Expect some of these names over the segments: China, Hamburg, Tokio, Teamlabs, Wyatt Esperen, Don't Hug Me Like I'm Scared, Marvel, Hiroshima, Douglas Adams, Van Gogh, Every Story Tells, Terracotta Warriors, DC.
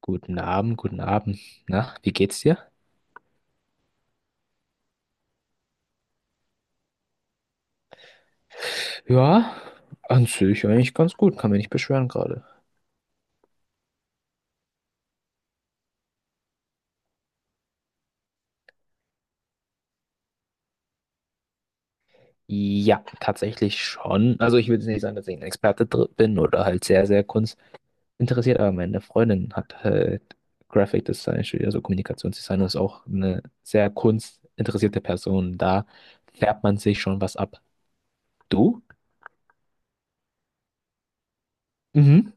Guten Abend, guten Abend. Na, wie geht's dir? Ja, an sich eigentlich ganz gut, kann mich nicht beschweren gerade. Ja, tatsächlich schon. Also ich würde nicht sagen, dass ich ein Experte bin oder halt sehr, sehr kunstinteressiert, aber meine Freundin hat halt Graphic Design studiert, also Kommunikationsdesign und ist auch eine sehr kunstinteressierte Person. Da färbt man sich schon was ab. Du? Mhm.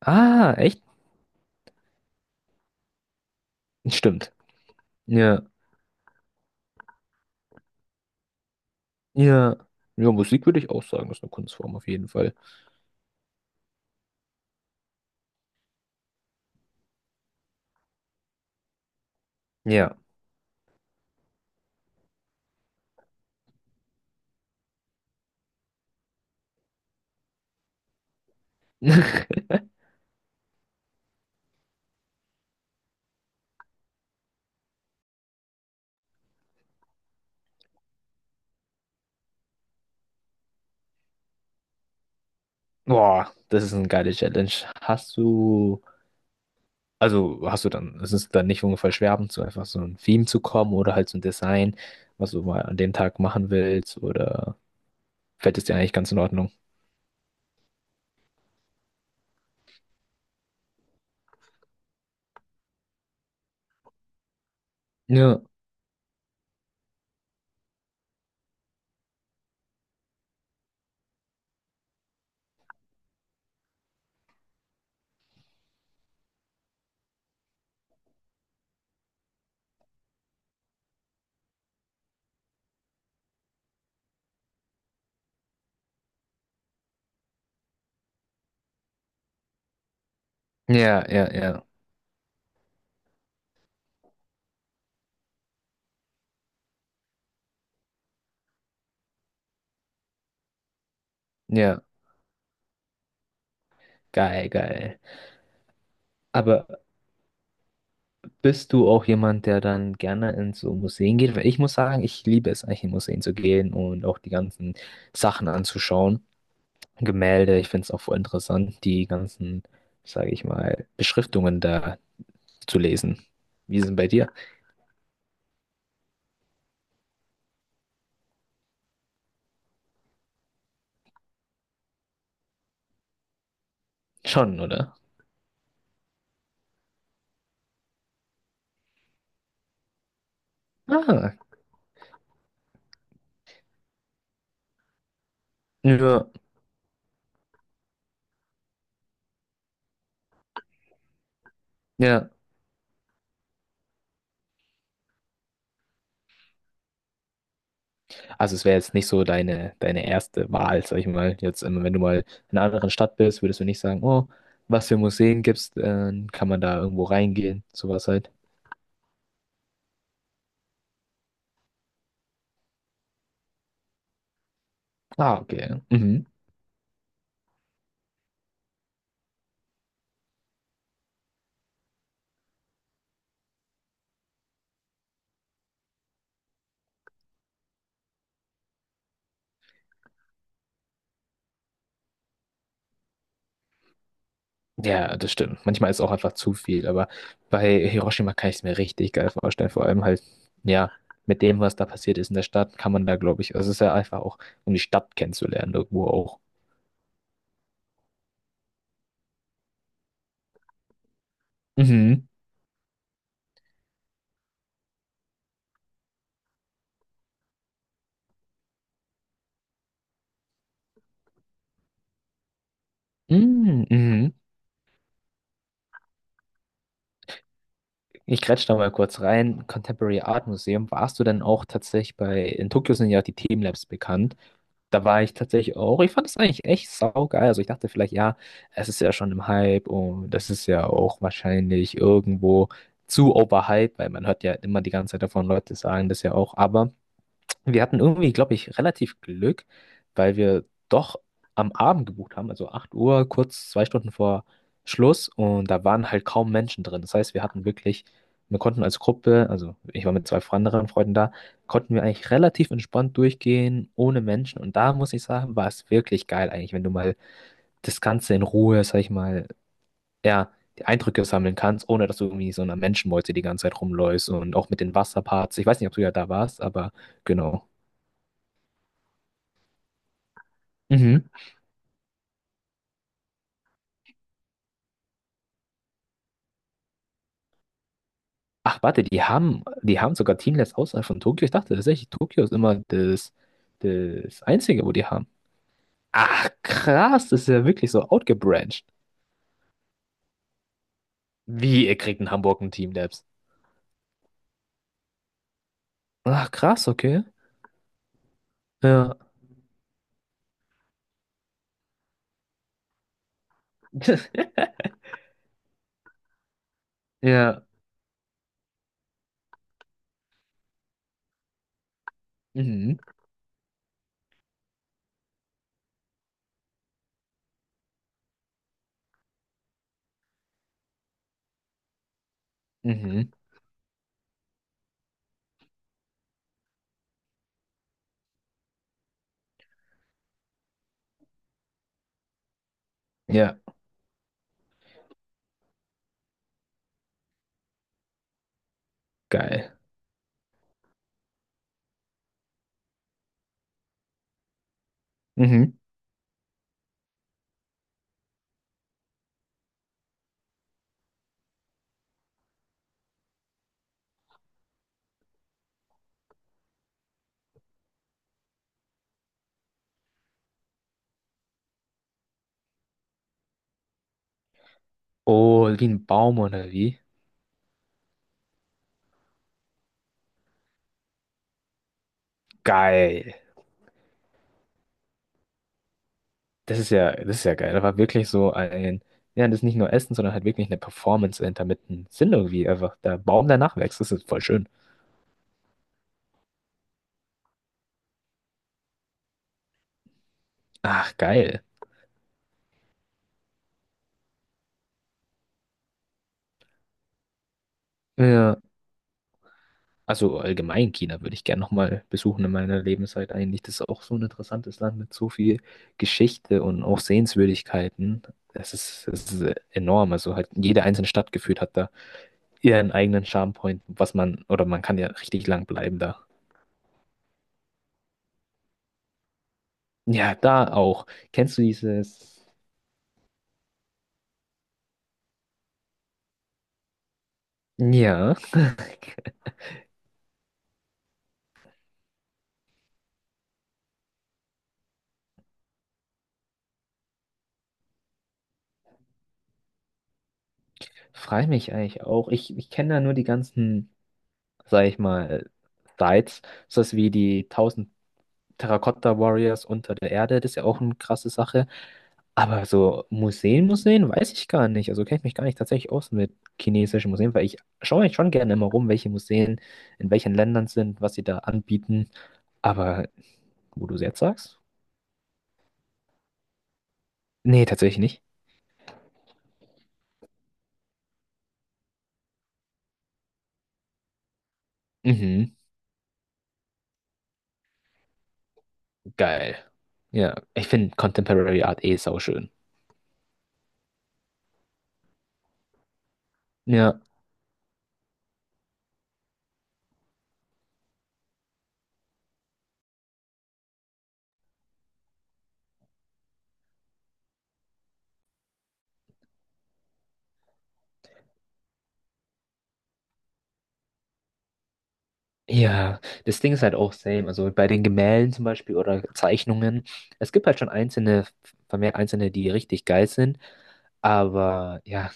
Ah, echt? Stimmt. Ja, ja. Ja, Musik würde ich auch sagen, ist eine Kunstform auf jeden Fall. Ja. Boah, das ist eine geile Challenge. Hast du, also hast du dann, es ist dann nicht ungefähr schwer, zu einfach so ein Theme zu kommen oder halt so ein Design, was du mal an dem Tag machen willst oder fällt es dir eigentlich ganz in Ordnung? Ja, ja, ja, ja, ja, geil, geil. Aber bist du auch jemand, der dann gerne in so Museen geht? Weil ich muss sagen, ich liebe es eigentlich in Museen zu gehen und auch die ganzen Sachen anzuschauen. Gemälde, ich finde es auch voll interessant, die ganzen, sage ich mal, Beschriftungen da zu lesen. Wie ist es denn bei dir? Schon, oder? Ah, ja. Ja, also es wäre jetzt nicht so deine erste Wahl, sag ich mal. Jetzt, wenn du mal in einer anderen Stadt bist, würdest du nicht sagen, oh, was für Museen gibt's, kann man da irgendwo reingehen, sowas halt. Ah, okay. Mhm. Ja, das stimmt. Manchmal ist auch einfach zu viel, aber bei Hiroshima kann ich es mir richtig geil vorstellen. Vor allem halt, ja, mit dem, was da passiert ist in der Stadt, kann man da, glaube ich, also es ist ja einfach auch, um die Stadt kennenzulernen, irgendwo auch. Mhm. Mm, mhm. Ich grätsch da mal kurz rein. Contemporary Art Museum, warst du denn auch tatsächlich bei, in Tokio sind ja die Themenlabs bekannt. Da war ich tatsächlich auch. Ich fand es eigentlich echt saugeil. Also ich dachte vielleicht, ja, es ist ja schon im Hype und das ist ja auch wahrscheinlich irgendwo zu overhyped, weil man hört ja immer die ganze Zeit davon Leute sagen das ja auch. Aber wir hatten irgendwie, glaube ich, relativ Glück, weil wir doch am Abend gebucht haben, also 8 Uhr, kurz 2 Stunden vor Schluss und da waren halt kaum Menschen drin. Das heißt, wir hatten wirklich, wir konnten als Gruppe, also ich war mit zwei anderen Freunden da, konnten wir eigentlich relativ entspannt durchgehen, ohne Menschen und da muss ich sagen, war es wirklich geil eigentlich, wenn du mal das Ganze in Ruhe, sag ich mal, ja, die Eindrücke sammeln kannst, ohne dass du irgendwie so einer Menschenmeute die ganze Zeit rumläufst und auch mit den Wasserparts. Ich weiß nicht, ob du ja da warst, aber genau. Mhm. Ach, warte, die haben sogar Teamless außerhalb von Tokio. Ich dachte tatsächlich, Tokio ist immer das Einzige, wo die haben. Ach, krass, das ist ja wirklich so outgebranched. Wie, ihr kriegt in Hamburg ein Teamlabs? Ach, krass, okay. Ja. Ja. Mhm. Mhm. Ja, geil. Mhm. Oh, wie ein Baum oder wie? Geil. Das ist ja geil. Da war wirklich so ein, ja, das ist nicht nur Essen, sondern halt wirklich eine Performance dahinter mit einem Sinn irgendwie. Einfach der Baum, der nachwächst. Das ist voll schön. Ach, geil. Ja. Also allgemein China würde ich gerne nochmal besuchen in meiner Lebenszeit eigentlich. Das ist auch so ein interessantes Land mit so viel Geschichte und auch Sehenswürdigkeiten. Das ist enorm. Also halt jede einzelne Stadt gefühlt hat da ihren eigenen Charmepoint, was man, oder man kann ja richtig lang bleiben da. Ja, da auch. Kennst du dieses? Ja, freu mich eigentlich auch. Ich kenne da nur die ganzen, sag ich mal, Sites, so wie die 1000 Terracotta Warriors unter der Erde, das ist ja auch eine krasse Sache. Aber so Museen, Museen, weiß ich gar nicht. Also kenne ich mich gar nicht tatsächlich aus mit chinesischen Museen, weil ich schaue mich schon gerne immer rum, welche Museen in welchen Ländern sind, was sie da anbieten. Aber wo du es jetzt sagst? Nee, tatsächlich nicht. Mhm, geil. Ja, ich finde Contemporary Art eh sauschön. Ja. Ja, das Ding ist halt auch same. Also bei den Gemälden zum Beispiel oder Zeichnungen. Es gibt halt schon einzelne, vermehrt einzelne, die richtig geil sind. Aber ja,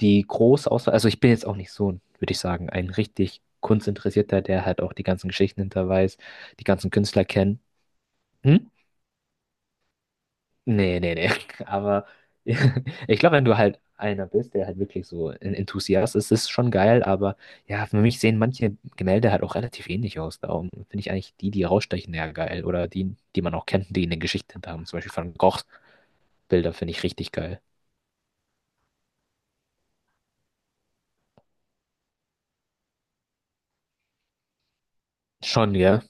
die große Auswahl, also ich bin jetzt auch nicht so, würde ich sagen, ein richtig Kunstinteressierter, der halt auch die ganzen Geschichten hinter weiß, die ganzen Künstler kennt. Hm? Nee, nee, nee. Aber ich glaube, wenn du halt einer bist, der halt wirklich so ein Enthusiast ist, ist schon geil. Aber ja, für mich sehen manche Gemälde halt auch relativ ähnlich aus. Darum finde ich eigentlich die, die rausstechen, ja geil. Oder die, die man auch kennt, die eine Geschichte hinter haben. Zum Beispiel Van Goghs Bilder finde ich richtig geil. Schon, ja.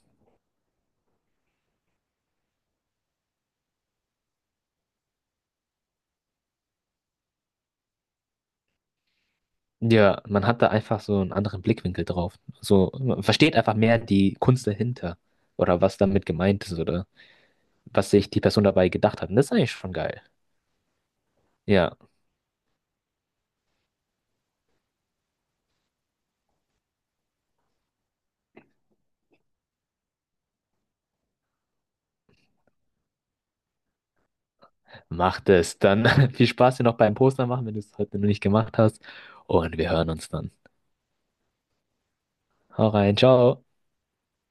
Ja, man hat da einfach so einen anderen Blickwinkel drauf. So, man versteht einfach mehr die Kunst dahinter. Oder was damit gemeint ist. Oder was sich die Person dabei gedacht hat. Und das ist eigentlich schon geil. Ja. Mach das. Dann viel Spaß dir noch beim Poster machen, wenn du es heute noch nicht gemacht hast. Und wir hören uns dann. Hau rein, ciao.